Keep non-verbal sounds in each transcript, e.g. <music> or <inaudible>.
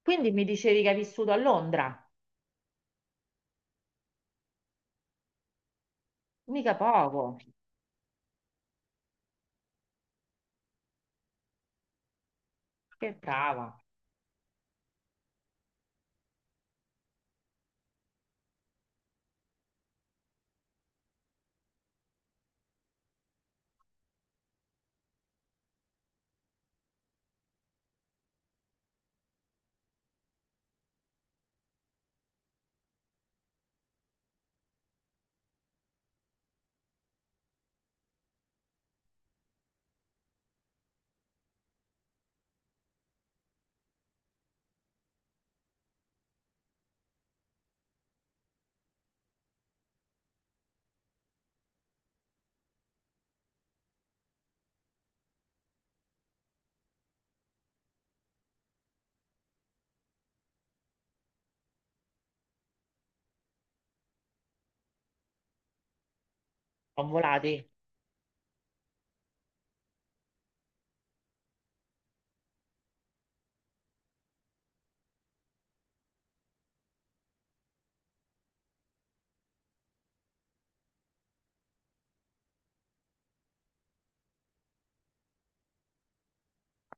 Quindi mi dicevi che hai vissuto a Londra, mica poco, che brava, ho volati,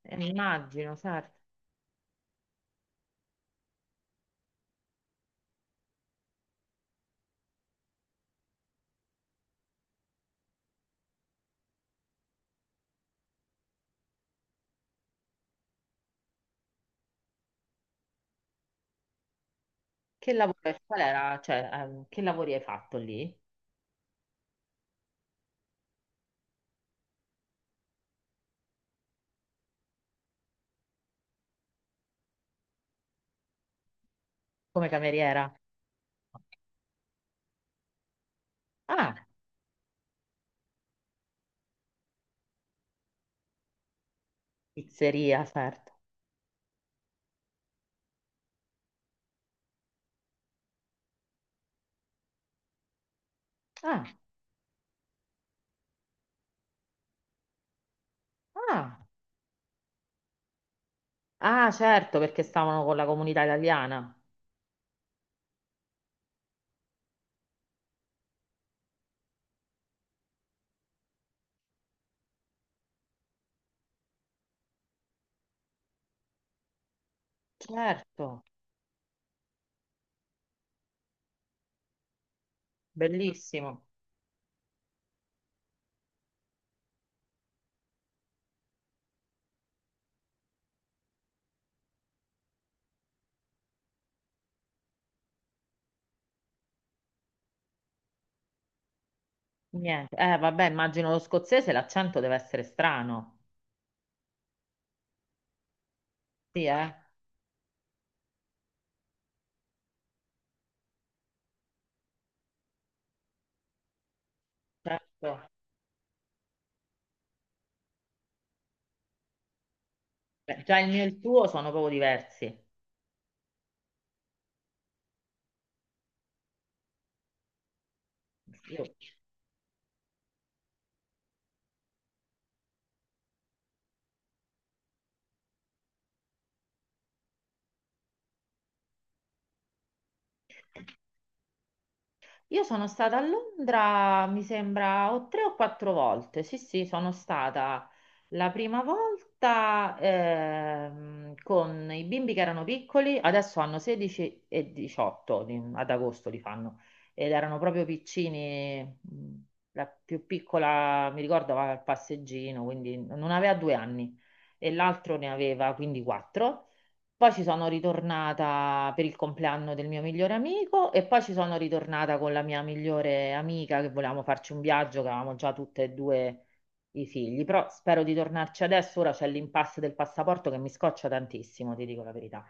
eh, immagino, certo. Che lavoro, qual era, cioè, che lavori hai fatto lì? Come cameriera? Ah, pizzeria, certo. Ah, ah, ah, certo, perché stavano con la comunità italiana. Certo, bellissimo. Niente, vabbè, immagino lo scozzese, l'accento deve essere strano. Sì, certo. Beh, già il mio e il tuo sono proprio diversi. Io Io sono stata a Londra, mi sembra, o tre o quattro volte. Sì, sì, sono stata la prima volta con i bimbi che erano piccoli, adesso hanno 16 e 18, ad agosto li fanno, ed erano proprio piccini. La più piccola, mi ricordo, aveva il passeggino, quindi non aveva 2 anni e l'altro ne aveva quindi quattro. Poi ci sono ritornata per il compleanno del mio migliore amico e poi ci sono ritornata con la mia migliore amica che volevamo farci un viaggio, che avevamo già tutte e due i figli, però spero di tornarci adesso, ora c'è l'impasse del passaporto che mi scoccia tantissimo, ti dico la verità.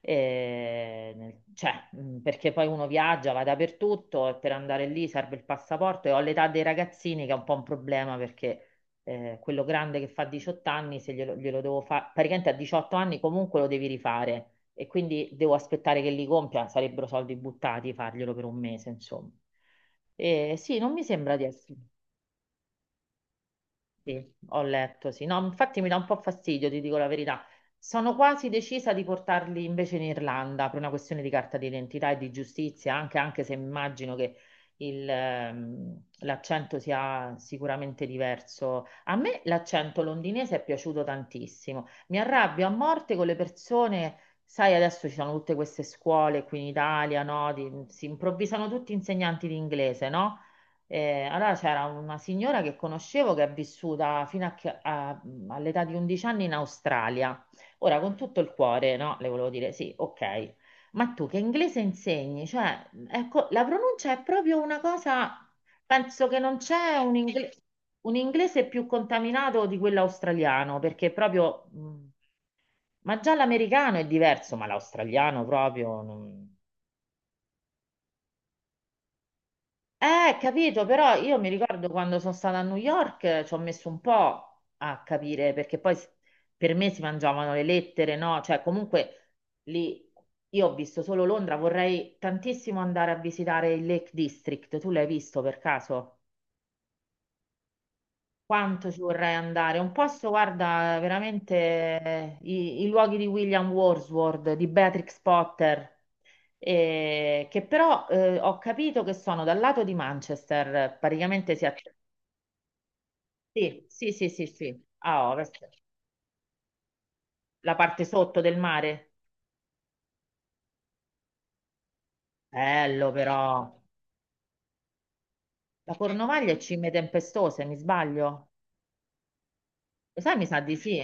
E, cioè, perché poi uno viaggia, va dappertutto e per andare lì serve il passaporto e ho l'età dei ragazzini che è un po' un problema perché quello grande che fa 18 anni, se glielo, glielo devo fare, praticamente a 18 anni comunque lo devi rifare e quindi devo aspettare che li compia, sarebbero soldi buttati farglielo per un mese, insomma. E sì, non mi sembra di essere. Sì, ho letto, sì. No, infatti mi dà un po' fastidio, ti dico la verità. Sono quasi decisa di portarli invece in Irlanda per una questione di carta d'identità e di giustizia, anche, anche se immagino che l'accento sia sicuramente diverso. A me l'accento londinese è piaciuto tantissimo. Mi arrabbio a morte con le persone, sai, adesso ci sono tutte queste scuole qui in Italia, no? Si improvvisano tutti insegnanti di inglese, no? Allora c'era una signora che conoscevo che è vissuta fino a all'età di 11 anni in Australia. Ora, con tutto il cuore, no? Le volevo dire, sì, ok, ma tu che inglese insegni? Cioè, ecco, la pronuncia è proprio una cosa, penso che non c'è un inglese più contaminato di quello australiano, perché proprio, ma già l'americano è diverso, ma l'australiano proprio. Capito, però io mi ricordo quando sono stata a New York ci ho messo un po' a capire perché poi per me si mangiavano le lettere, no? Cioè, comunque lì io ho visto solo Londra, vorrei tantissimo andare a visitare il Lake District. Tu l'hai visto per caso? Quanto ci vorrei andare? Un posto, guarda, veramente i luoghi di William Wordsworth, di Beatrix Potter, che però ho capito che sono dal lato di Manchester, praticamente si è. Sì, sì, sì, sì, sì, a ovest, la parte sotto del mare. Bello però. La Cornovaglia è cime tempestose, mi sbaglio? Lo sai, mi sa di sì.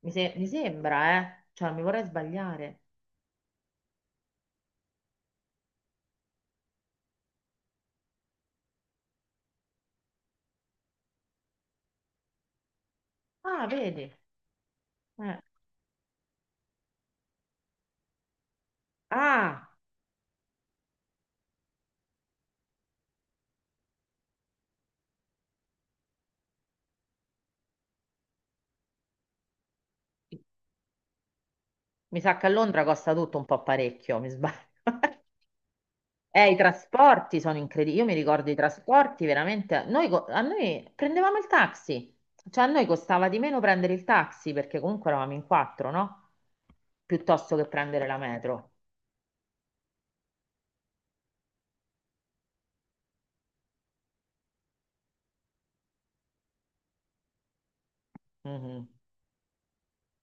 Mi sembra, eh. Cioè, non mi vorrei sbagliare. Ah, vedi. Eh. Ah, mi sa che a Londra costa tutto un po' parecchio, mi sbaglio. <laughs> I trasporti sono incredibili. Io mi ricordo i trasporti veramente. A noi prendevamo il taxi, cioè a noi costava di meno prendere il taxi perché comunque eravamo in quattro, no? Piuttosto che prendere la metro. Mhm.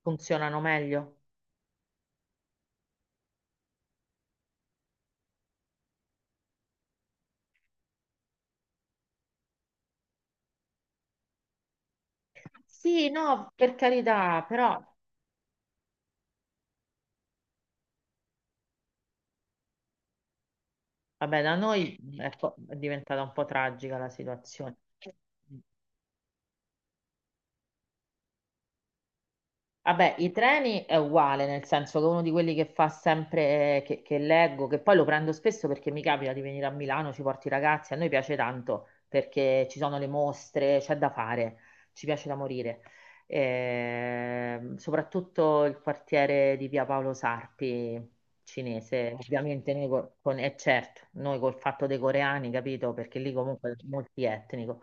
Funzionano meglio. Sì, no, per carità, però vabbè, da noi è diventata un po' tragica la situazione. Vabbè, i treni è uguale, nel senso che uno di quelli che fa sempre, che leggo, che poi lo prendo spesso perché mi capita di venire a Milano, ci porti i ragazzi, a noi piace tanto perché ci sono le mostre, c'è da fare, ci piace da morire. Soprattutto il quartiere di Via Paolo Sarpi, cinese, ovviamente noi con, e certo, noi col fatto dei coreani, capito? Perché lì comunque è multietnico.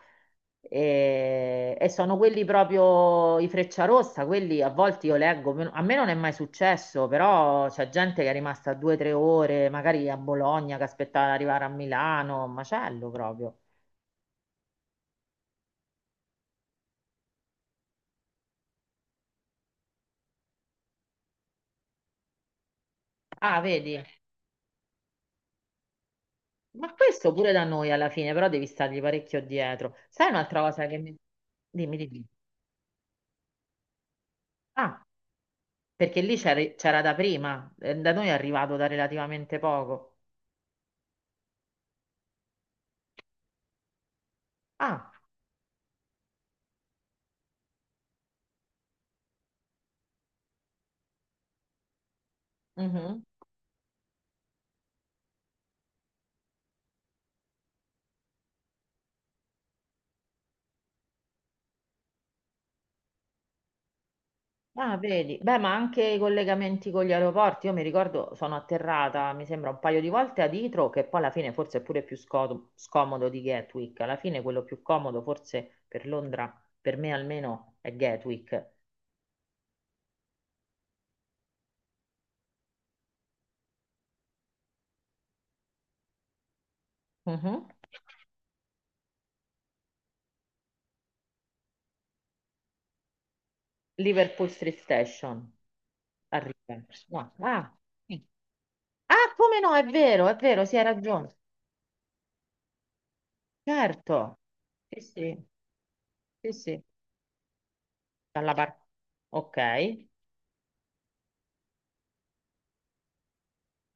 E sono quelli proprio i Frecciarossa, quelli a volte io leggo, a me non è mai successo, però c'è gente che è rimasta 2 o 3 ore, magari a Bologna, che aspettava di arrivare a Milano, un macello proprio. Ah, vedi? Ma questo pure da noi alla fine, però devi stargli parecchio dietro. Sai un'altra cosa che mi. Dimmi, dimmi. Ah, perché lì c'era da prima, da noi è arrivato da relativamente poco. Ah, mhm. Ah, vedi, beh, ma anche i collegamenti con gli aeroporti, io mi ricordo, sono atterrata, mi sembra, un paio di volte ad Itro, che poi alla fine forse è pure più scomodo di Gatwick, alla fine quello più comodo forse per Londra, per me almeno, è Gatwick. Mhm. Liverpool Street Station, arriva. No. Ah. Sì. Ah, come no, è vero, sì, hai ragione. Certo, sì, sì, sì, sì, dalla parte. Ok.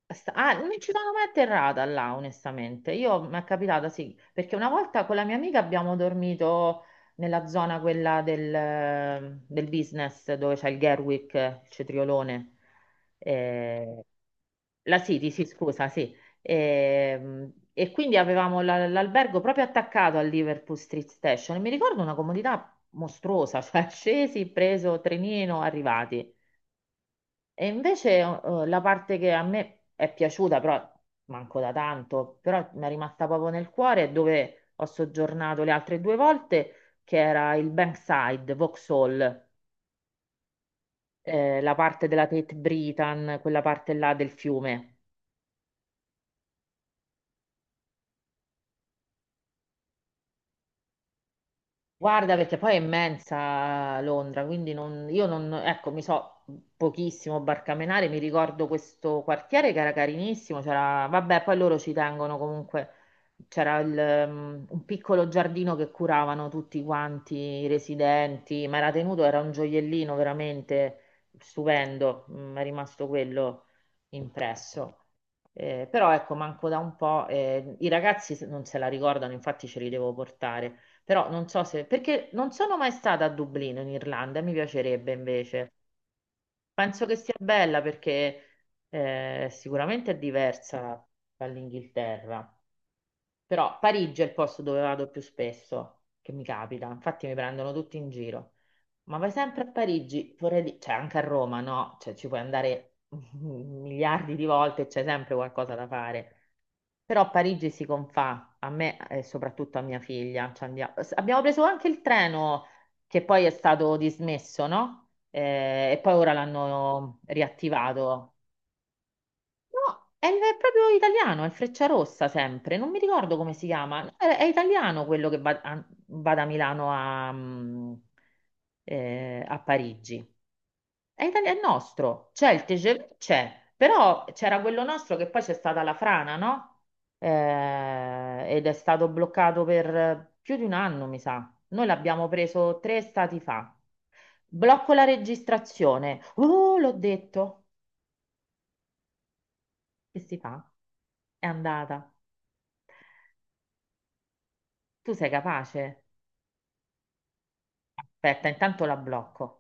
Ah, non ci sono mai atterrata là, onestamente. Io mi è capitata, sì, perché una volta con la mia amica abbiamo dormito nella zona quella del business dove c'è il Gerwick, il cetriolone. Eh, la City, sì, scusa, sì. Ehm, E, quindi avevamo l'albergo proprio attaccato al Liverpool Street Station. E mi ricordo una comodità mostruosa, cioè <laughs> scesi, preso trenino, arrivati. E invece la parte che a me è piaciuta, però manco da tanto, però mi è rimasta proprio nel cuore, è dove ho soggiornato le altre due volte, che era il Bankside, Vauxhall, la parte della Tate Britain, quella parte là del fiume. Guarda, perché poi è immensa Londra, quindi io non, ecco, mi so pochissimo barcamenare, mi ricordo questo quartiere che era carinissimo, c'era, vabbè, poi loro ci tengono comunque, c'era un piccolo giardino che curavano tutti quanti i residenti, ma era tenuto, era un gioiellino veramente stupendo, mi è rimasto quello impresso. Però ecco, manco da un po', i ragazzi non se la ricordano, infatti ce li devo portare. Però non so se, perché non sono mai stata a Dublino in Irlanda, mi piacerebbe invece. Penso che sia bella perché sicuramente è diversa dall'Inghilterra. Però Parigi è il posto dove vado più spesso, che mi capita. Infatti mi prendono tutti in giro. Ma vai sempre a Parigi, vorrei dire, cioè anche a Roma, no? Cioè ci puoi andare <laughs> miliardi di volte e c'è sempre qualcosa da fare. Però Parigi si confà a me e soprattutto a mia figlia. Abbiamo preso anche il treno che poi è stato dismesso, no? E poi ora l'hanno riattivato. No, è proprio italiano, è il Frecciarossa sempre, non mi ricordo come si chiama. No, È italiano quello che va, va da Milano a Parigi. È nostro, c'è il TGV, c'è, però c'era quello nostro che poi c'è stata la frana, no? Ed è stato bloccato per più di un anno, mi sa. Noi l'abbiamo preso tre stati fa. Blocco la registrazione. Oh, l'ho detto. Che si fa? È andata. Tu sei capace? Aspetta, intanto la blocco.